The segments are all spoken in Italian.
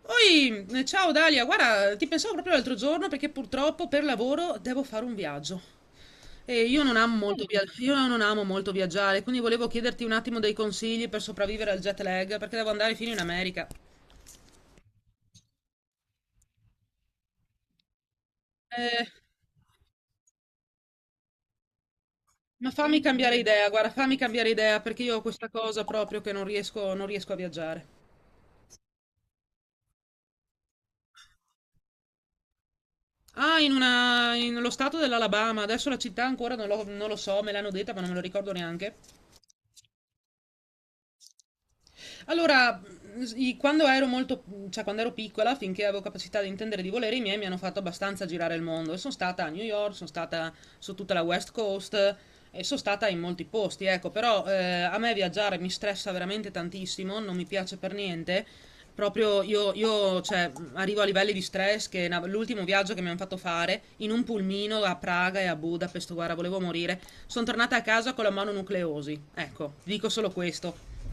Poi, ciao Dalia, guarda, ti pensavo proprio l'altro giorno perché purtroppo per lavoro devo fare un viaggio. E io non amo molto viaggiare, quindi volevo chiederti un attimo dei consigli per sopravvivere al jet lag, perché devo andare fino in America. Eh, ma fammi cambiare idea, guarda, fammi cambiare idea perché io ho questa cosa proprio che non riesco a viaggiare. Ah, in lo stato dell'Alabama, adesso la città ancora non lo so, me l'hanno detta ma non me lo ricordo neanche. Allora, quando ero molto, cioè quando ero piccola, finché avevo capacità di intendere e di volere, i miei mi hanno fatto abbastanza girare il mondo. E sono stata a New York, sono stata su tutta la West Coast e sono stata in molti posti, ecco. Però a me viaggiare mi stressa veramente tantissimo, non mi piace per niente. Proprio io, cioè, arrivo a livelli di stress che l'ultimo viaggio che mi hanno fatto fare in un pulmino a Praga e a Budapest, guarda, volevo morire. Sono tornata a casa con la mano nucleosi. Ecco, dico solo questo.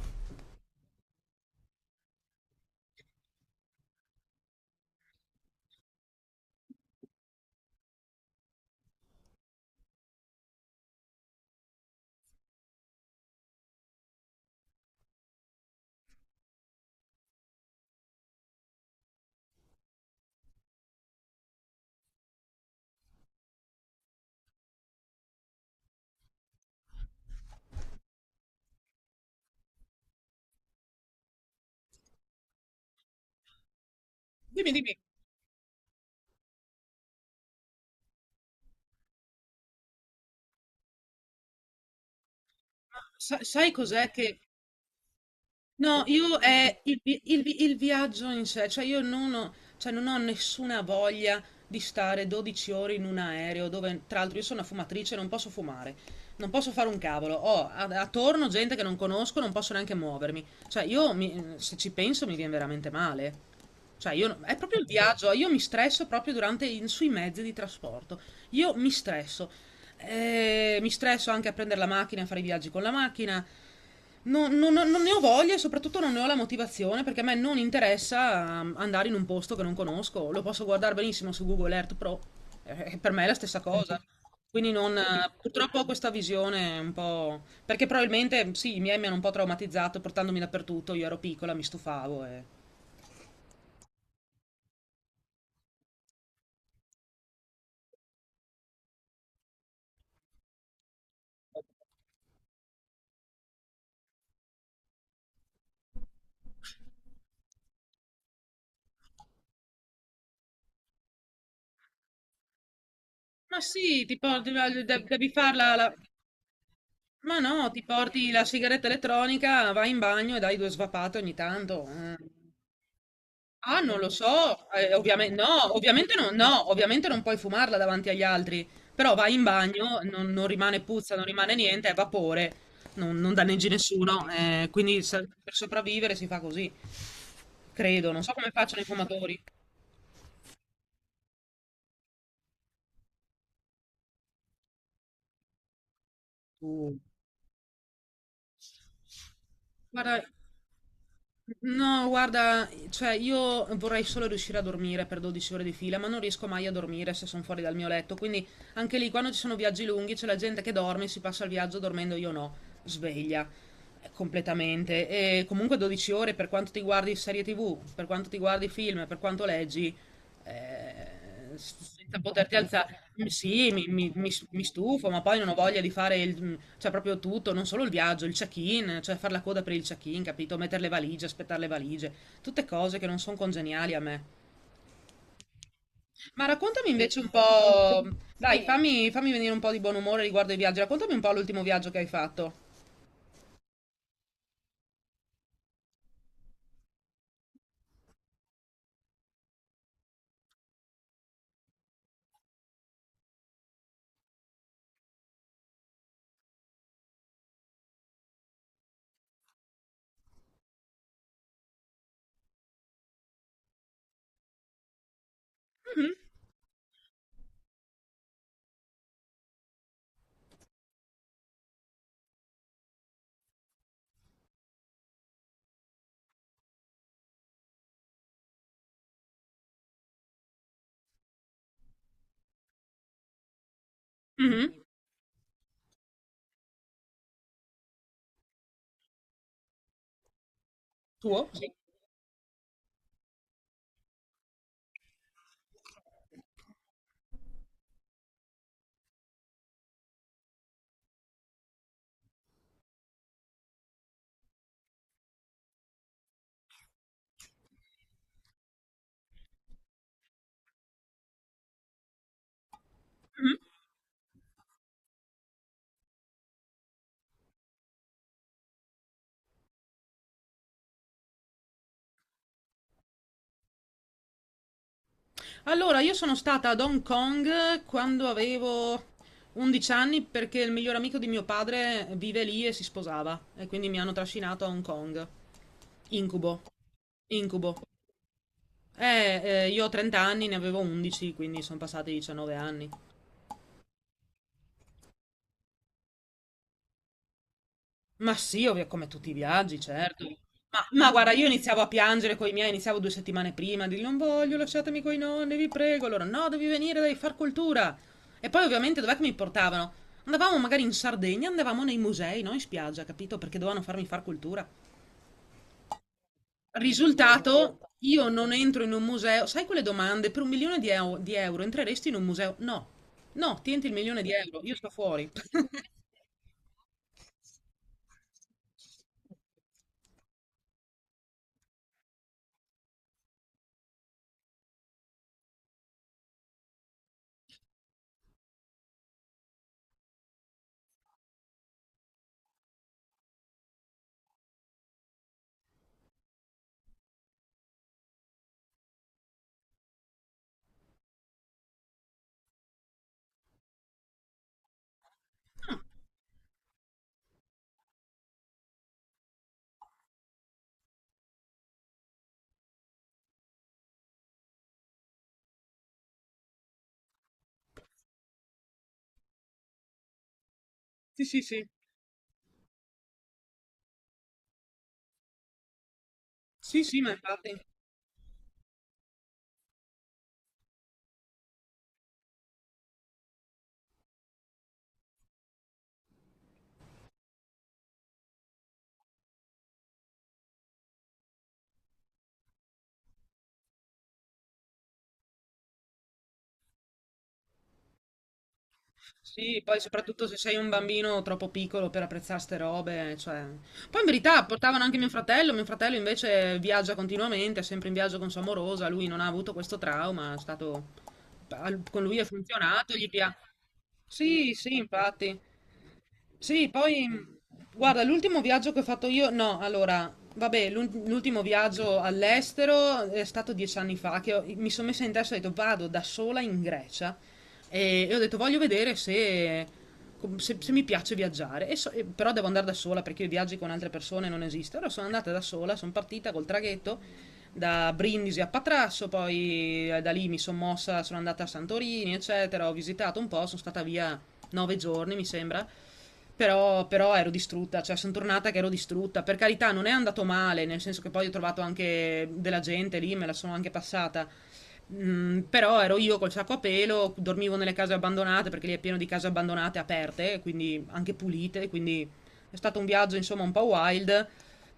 Dimmi, dimmi. Sai cos'è che... No, io è il viaggio in sé, cioè io non ho, cioè non ho nessuna voglia di stare 12 ore in un aereo dove, tra l'altro, io sono una fumatrice, non posso fumare, non posso fare un cavolo, attorno gente che non conosco, non posso neanche muovermi, cioè se ci penso mi viene veramente male. Cioè, io, no- è proprio il viaggio, io mi stresso proprio durante, sui mezzi di trasporto. Io mi stresso. Mi stresso anche a prendere la macchina, a fare i viaggi con la macchina. Non ne ho voglia e soprattutto non ne ho la motivazione perché a me non interessa andare in un posto che non conosco. Lo posso guardare benissimo su Google Earth Pro, per me è la stessa cosa. Quindi non, purtroppo ho questa visione un po', perché probabilmente sì, i miei mi hanno un po' traumatizzato portandomi dappertutto, io ero piccola, mi stufavo e... Ma sì, ti porti, devi farla... Ma no, ti porti la sigaretta elettronica, vai in bagno e dai due svapate ogni tanto. Eh. Ah, non lo so, ovviamente no, ovviamente non, no, ovviamente non puoi fumarla davanti agli altri, però vai in bagno, non rimane puzza, non rimane niente, è vapore, non danneggi nessuno, quindi per sopravvivere si fa così, credo, non so come facciano i fumatori. Uh, Guarda, no, guarda, cioè io vorrei solo riuscire a dormire per 12 ore di fila, ma non riesco mai a dormire se sono fuori dal mio letto. Quindi anche lì, quando ci sono viaggi lunghi, c'è la gente che dorme, si passa il viaggio dormendo, io no, sveglia completamente. E comunque 12 ore, per quanto ti guardi serie TV, per quanto ti guardi film, per quanto leggi, senza poterti alzare. Mm, sì, mi stufo, ma poi non ho voglia di fare cioè proprio tutto, non solo il viaggio, il check-in, cioè fare la coda per il check-in, capito? Mettere le valigie, aspettare le valigie, tutte cose che non sono congeniali a me. Ma raccontami invece un po', dai, sì, fammi venire un po' di buon umore riguardo ai viaggi, raccontami un po' l'ultimo viaggio che hai fatto. Mhm. Tuo? Sì. Allora, io sono stata ad Hong Kong quando avevo 11 anni perché il miglior amico di mio padre vive lì e si sposava e quindi mi hanno trascinato a Hong Kong. Incubo, incubo. Io ho 30 anni, ne avevo 11, quindi sono passati 19 anni. Ma sì, ovvio, come tutti i viaggi, certo. Ma guarda, io iniziavo a piangere con i miei, iniziavo 2 settimane prima, a dirgli non voglio, lasciatemi coi nonni, vi prego. Loro, no, devi venire, devi far cultura. E poi ovviamente dov'è che mi portavano? Andavamo magari in Sardegna, andavamo nei musei, non in spiaggia, capito? Perché dovevano farmi far cultura. Risultato, io non entro in un museo. Sai quelle domande? Per 1 milione di, di euro entreresti in un museo? No, no, tienti il milione di euro, io sto fuori. Sì, sì, sì. Sì, sì, ma infatti. Sì, poi soprattutto se sei un bambino troppo piccolo per apprezzare ste robe, cioè... Poi in verità portavano anche mio fratello invece viaggia continuamente, è sempre in viaggio con sua amorosa, lui non ha avuto questo trauma, è stato... Con lui è funzionato, gli piace. Sì, sì, infatti. Sì, poi guarda, l'ultimo viaggio che ho fatto io, no, allora, vabbè, l'ultimo viaggio all'estero è stato 10 anni fa che mi sono messa in testa e ho detto vado da sola in Grecia e ho detto voglio vedere se, se mi piace viaggiare. Però devo andare da sola perché i viaggi con altre persone non esiste. Allora sono andata da sola, sono partita col traghetto da Brindisi a Patrasso, poi da lì mi sono mossa, sono andata a Santorini, eccetera, ho visitato un po', sono stata via 9 giorni, mi sembra. Però ero distrutta, cioè sono tornata che ero distrutta. Per carità, non è andato male, nel senso che poi ho trovato anche della gente lì, me la sono anche passata. Però ero io col sacco a pelo, dormivo nelle case abbandonate perché lì è pieno di case abbandonate aperte, quindi anche pulite, quindi è stato un viaggio insomma un po' wild,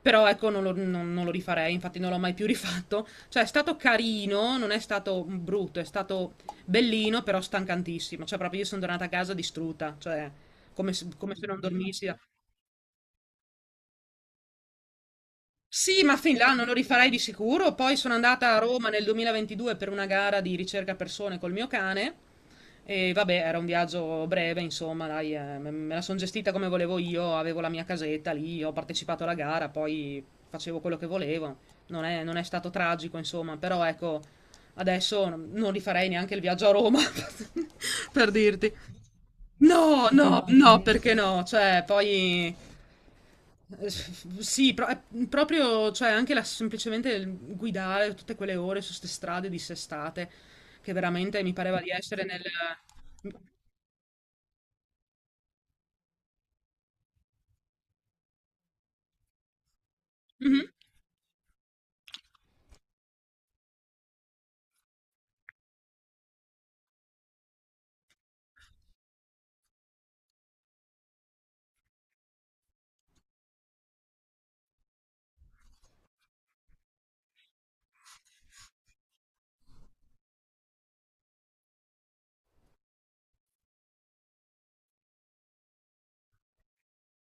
però ecco non lo rifarei, infatti non l'ho mai più rifatto. Cioè è stato carino, non è stato brutto, è stato bellino, però stancantissimo, cioè proprio io sono tornata a casa distrutta, cioè come se non dormissi. Sì, ma fin là non lo rifarei di sicuro. Poi sono andata a Roma nel 2022 per una gara di ricerca persone col mio cane e vabbè, era un viaggio breve, insomma, dai, me la sono gestita come volevo io, avevo la mia casetta lì, ho partecipato alla gara, poi facevo quello che volevo. Non è stato tragico, insomma, però ecco, adesso non rifarei neanche il viaggio a Roma, per dirti. No, no, no, perché no? Cioè, poi... sì, proprio, cioè, anche semplicemente il guidare tutte quelle ore su queste strade dissestate, che veramente mi pareva di essere nel... Mhm.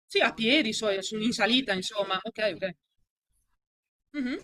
Sì, a piedi, in salita, insomma. Ok, ok. Mhm,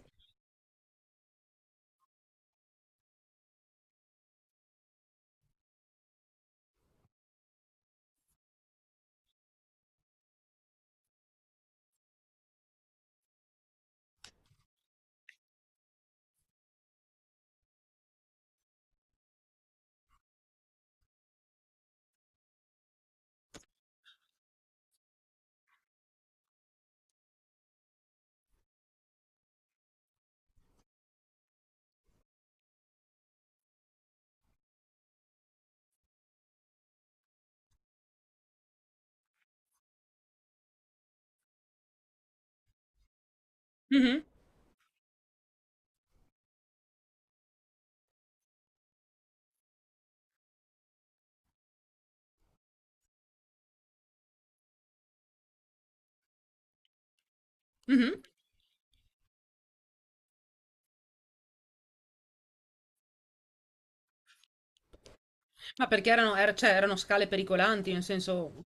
mhm, mhm. Ma perché erano, cioè, erano scale pericolanti, nel senso...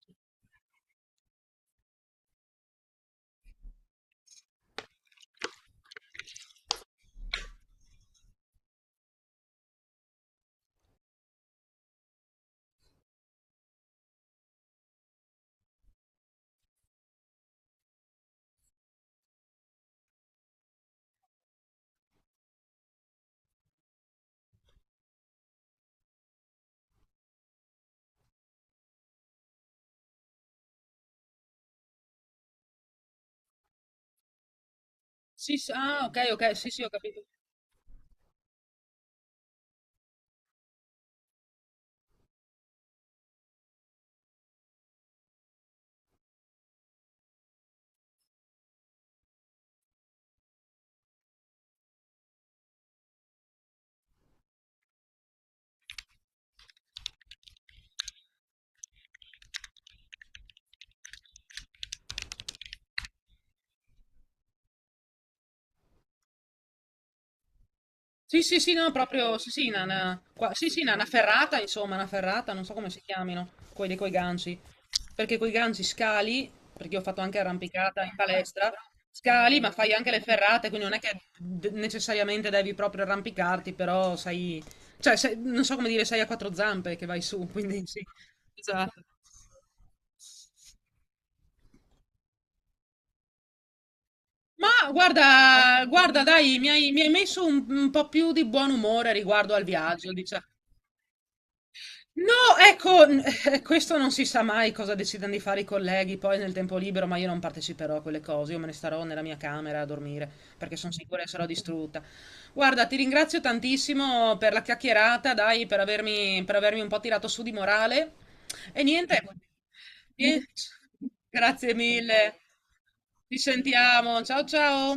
Sì, sì, ah, ok, ok, sì, sì, ho capito. Sì, sì, sì, no, proprio, sì, sì, sì, sì, una ferrata, insomma, una ferrata, non so come si chiamino, quelli coi ganci, perché coi ganci scali, perché io ho fatto anche arrampicata in palestra, scali, ma fai anche le ferrate, quindi non è che necessariamente devi proprio arrampicarti, però sei, cioè, non so come dire, sei a quattro zampe che vai su, quindi sì, esatto. Ma guarda, guarda, dai, mi hai messo un po' più di buon umore riguardo al viaggio, diciamo. No, ecco, questo non si sa mai cosa decidano di fare i colleghi poi nel tempo libero, ma io non parteciperò a quelle cose, io me ne starò nella mia camera a dormire perché sono sicura che sarò distrutta. Guarda, ti ringrazio tantissimo per la chiacchierata, dai, per avermi un po' tirato su di morale. E niente, eh, grazie mille. Ci sentiamo. Ciao ciao.